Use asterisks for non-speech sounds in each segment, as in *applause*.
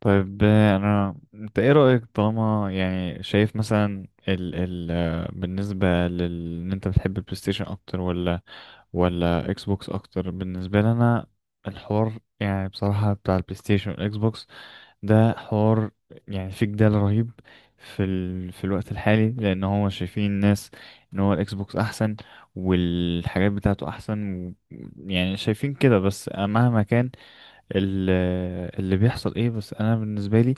طيب انت ايه رأيك؟ طالما يعني شايف مثلا ال ال آه، بالنسبة لل ان انت بتحب البلاي ستيشن اكتر ولا ولا اكس بوكس اكتر؟ بالنسبة لي انا الحوار يعني بصراحة بتاع البلاي ستيشن والاكس بوكس ده حوار، يعني في جدال رهيب في ال في الوقت الحالي، لان هو شايفين الناس ان هو الاكس بوكس احسن والحاجات بتاعته احسن يعني شايفين كده. بس مهما كان ال- اللي بيحصل ايه، بس انا بالنسبة لي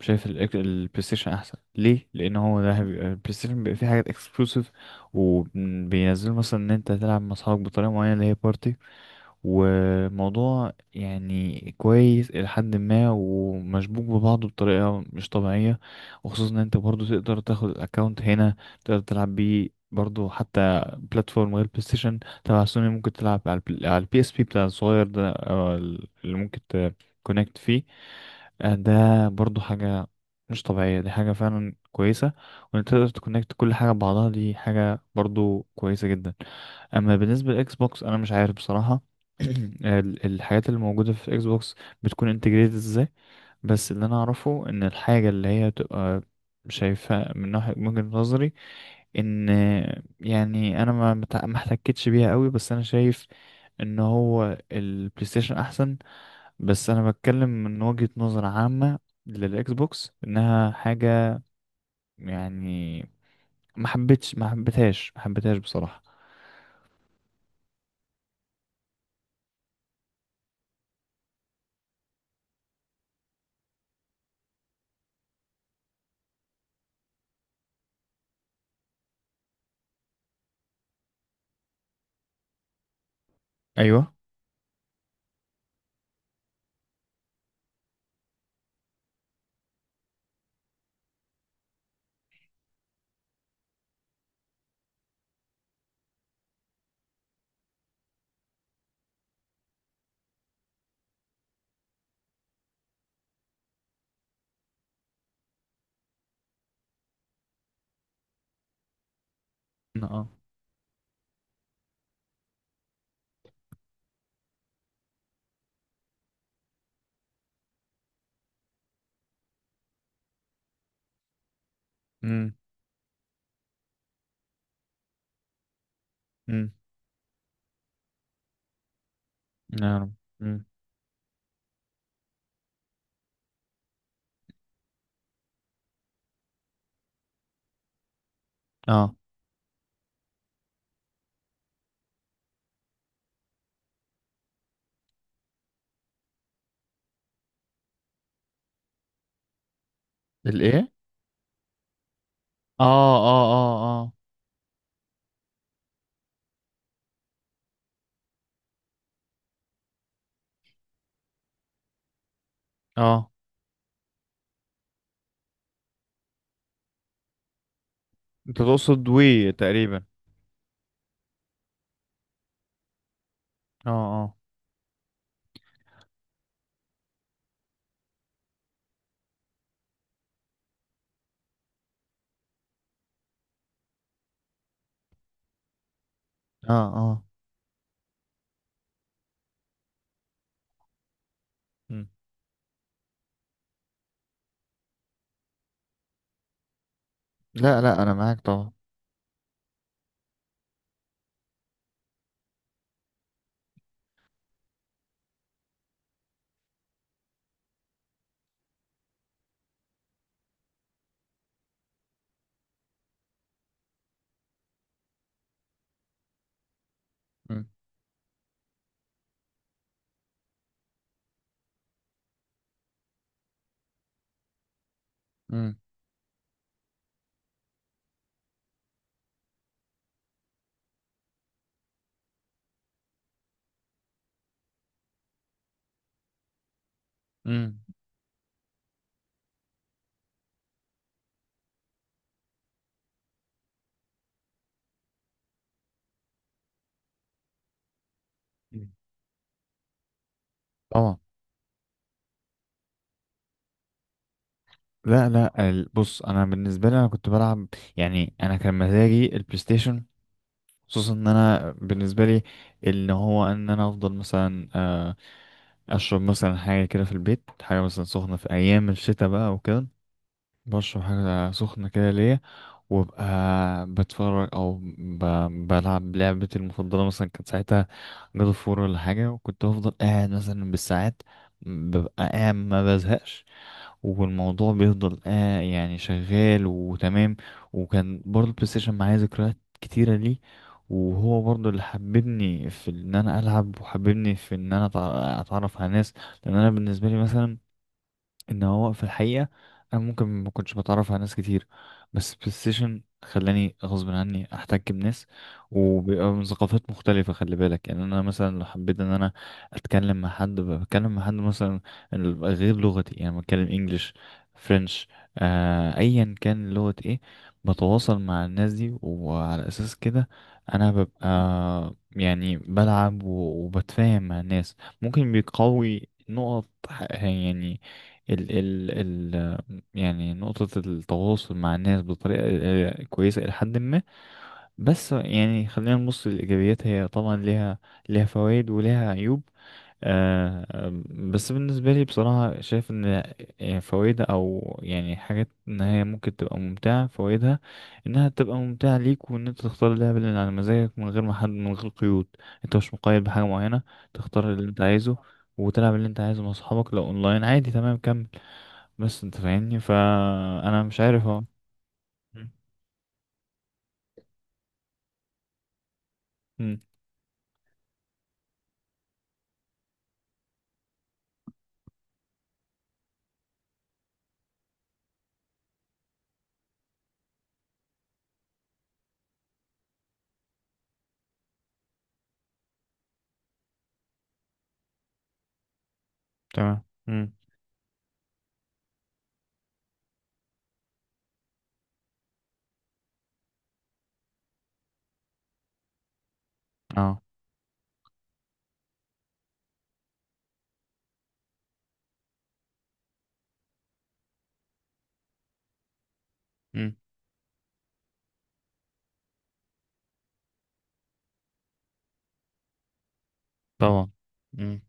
شايف البلاي ستيشن احسن. ليه؟ لان هو البلاي ستيشن بيبقى فيه حاجات اكسكلوسيف وبينزلوا، مثلا ان انت تلعب مع اصحابك بطريقه معينه اللي هي بارتي، وموضوع يعني كويس الى حد ما، ومشبوك ببعضه بطريقه مش طبيعيه. وخصوصا ان انت برضو تقدر تاخد الاكونت هنا، تقدر تلعب بيه برضو حتى بلاتفورم غير بلاي ستيشن تبع سوني. ممكن تلعب على على البي اس بي بتاع الصغير ده، أو اللي ممكن تكونكت فيه. ده برضو حاجة مش طبيعية، دي حاجة فعلا كويسة. وان انت تقدر تكونكت كل حاجة ببعضها دي حاجة برضو كويسة جدا. اما بالنسبة للاكس بوكس انا مش عارف بصراحة. *clears throat* الحاجات اللي موجودة في الاكس بوكس بتكون انتجريتد ازاي؟ بس اللي انا اعرفه ان الحاجة اللي هي تبقى شايفها من ناحية وجهة نظري، ان يعني انا ما احتكتش بيها قوي. بس انا شايف ان هو البلاي ستيشن احسن. بس انا بتكلم من وجهة نظر عامة للاكس بوكس، انها حاجة يعني ما حبيتهاش ما حبيتهاش بصراحة. ايوه. اه. امم. امم. نعم. امم. اه. الايه؟ اه اه اه اه. اه. انت تقصد وي تقريبا؟ اه اه اه اه. مم. لا لا، انا معاك طبعا. مم. مم. مم. مم. طبعا. لا لا، بص، انا بالنسبه لي انا كنت بلعب، يعني انا كان مزاجي البلاي ستيشن، خصوصا ان انا بالنسبه لي ان هو ان انا افضل مثلا اشرب مثلا حاجه كده في البيت، حاجه مثلا سخنه في ايام الشتاء بقى وكده، بشرب حاجه سخنه كده ليا، وابقى بتفرج او ب... بلعب لعبتي المفضله مثلا كانت ساعتها جاد اوف وور ولا حاجه. وكنت افضل قاعد مثلا بالساعات، ببقى قاعد ما بزهقش، والموضوع بيفضل آه يعني شغال وتمام. وكان برضه البلاي ستيشن معايا ذكريات كتيرة ليه، وهو برضه اللي حببني في ان انا العب وحببني في ان انا اتعرف على ناس. لان انا بالنسبة لي مثلا ان هو في الحقيقه انا ممكن ما كنتش بتعرف على ناس كتير، بس بلاي ستيشن خلاني غصب عني احتك بناس، وبيبقى من ثقافات مختلفه. خلي بالك، يعني انا مثلا لو حبيت ان انا اتكلم مع حد، بتكلم مع حد مثلا غير لغتي، يعني بتكلم انجليش، فرنش، آه ايا كان لغه ايه، بتواصل مع الناس دي. وعلى اساس كده انا ببقى يعني بلعب وبتفاهم مع الناس. ممكن بيقوي نقط يعني ال ال ال يعني نقطة التواصل مع الناس بطريقة كويسة إلى حد ما. بس يعني خلينا نبص للإيجابيات، هي طبعا ليها ليها فوائد وليها عيوب. آه آه، بس بالنسبة لي بصراحة شايف إن فوائدها، أو يعني حاجات إن هي ممكن تبقى ممتعة، فوائدها إنها تبقى ممتعة ليك، وإن أنت تختار اللعبة اللي على مزاجك من غير ما حد من غير قيود، أنت مش مقيد بحاجة معينة، تختار اللي أنت عايزه وتلعب اللي أنت عايزه مع أصحابك. لو أونلاين عادي، تمام، كمل. بس انت فاهمني، فانا مش عارف اهو. مم. مم. تمام. مم. اه. مم. طبعا. مم.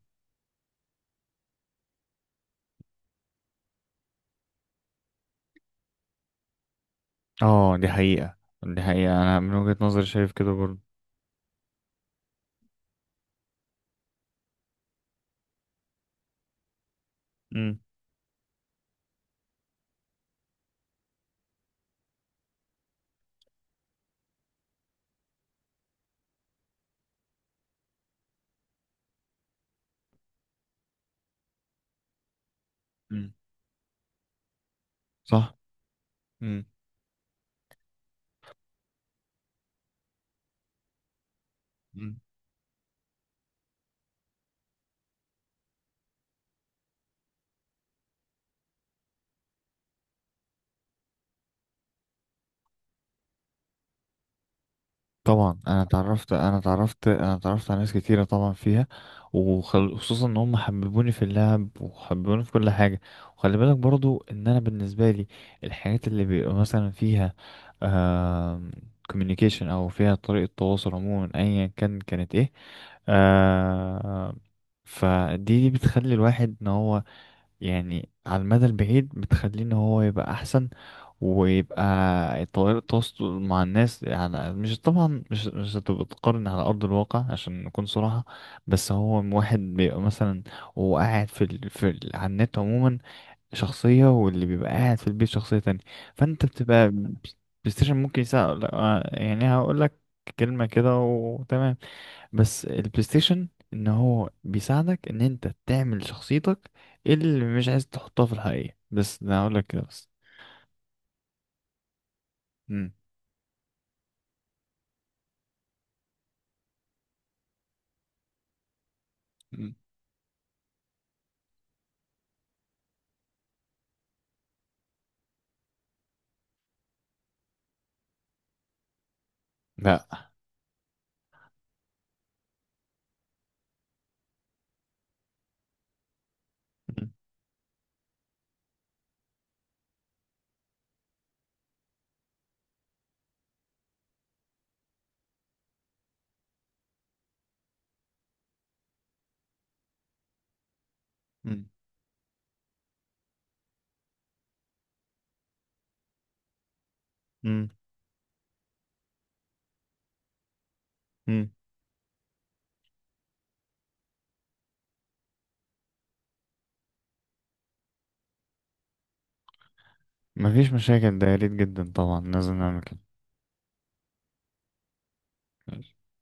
اه، دي حقيقة. دي حقيقة، انا من وجهة نظري شايف كده برضه. مم. مم. صح. مم. مم. طبعا انا اتعرفت انا اتعرفت على ناس كتيره طبعا فيها، وخصوصا ان هم حببوني في اللعب وحببوني في كل حاجه. وخلي بالك برضو ان انا بالنسبه لي الحاجات اللي بيبقى مثلا فيها آه communication او فيها طريقه تواصل عموما ايا كان كانت ايه، آه فدي دي بتخلي الواحد ان هو يعني على المدى البعيد بتخليه ان هو يبقى احسن ويبقى الطريقة التواصل مع الناس. يعني مش طبعا مش مش هتبقى تقارن على أرض الواقع عشان نكون صراحة. بس هو واحد بيبقى مثلا وهو قاعد على النت عموما شخصية، واللي بيبقى قاعد في البيت شخصية تانية. فأنت بتبقى بلاي ستيشن ممكن يساعد. لا، يعني هقول لك كلمة كده وتمام. بس البلاي ستيشن إن هو بيساعدك إن أنت تعمل شخصيتك اللي مش عايز تحطها في الحقيقة. بس ده هقول لك كده بس. مم. مم. لا. مم. مم. مم. مم. مفيش مشاكل، ده يا ريت جدا، طبعا لازم نعمل كده.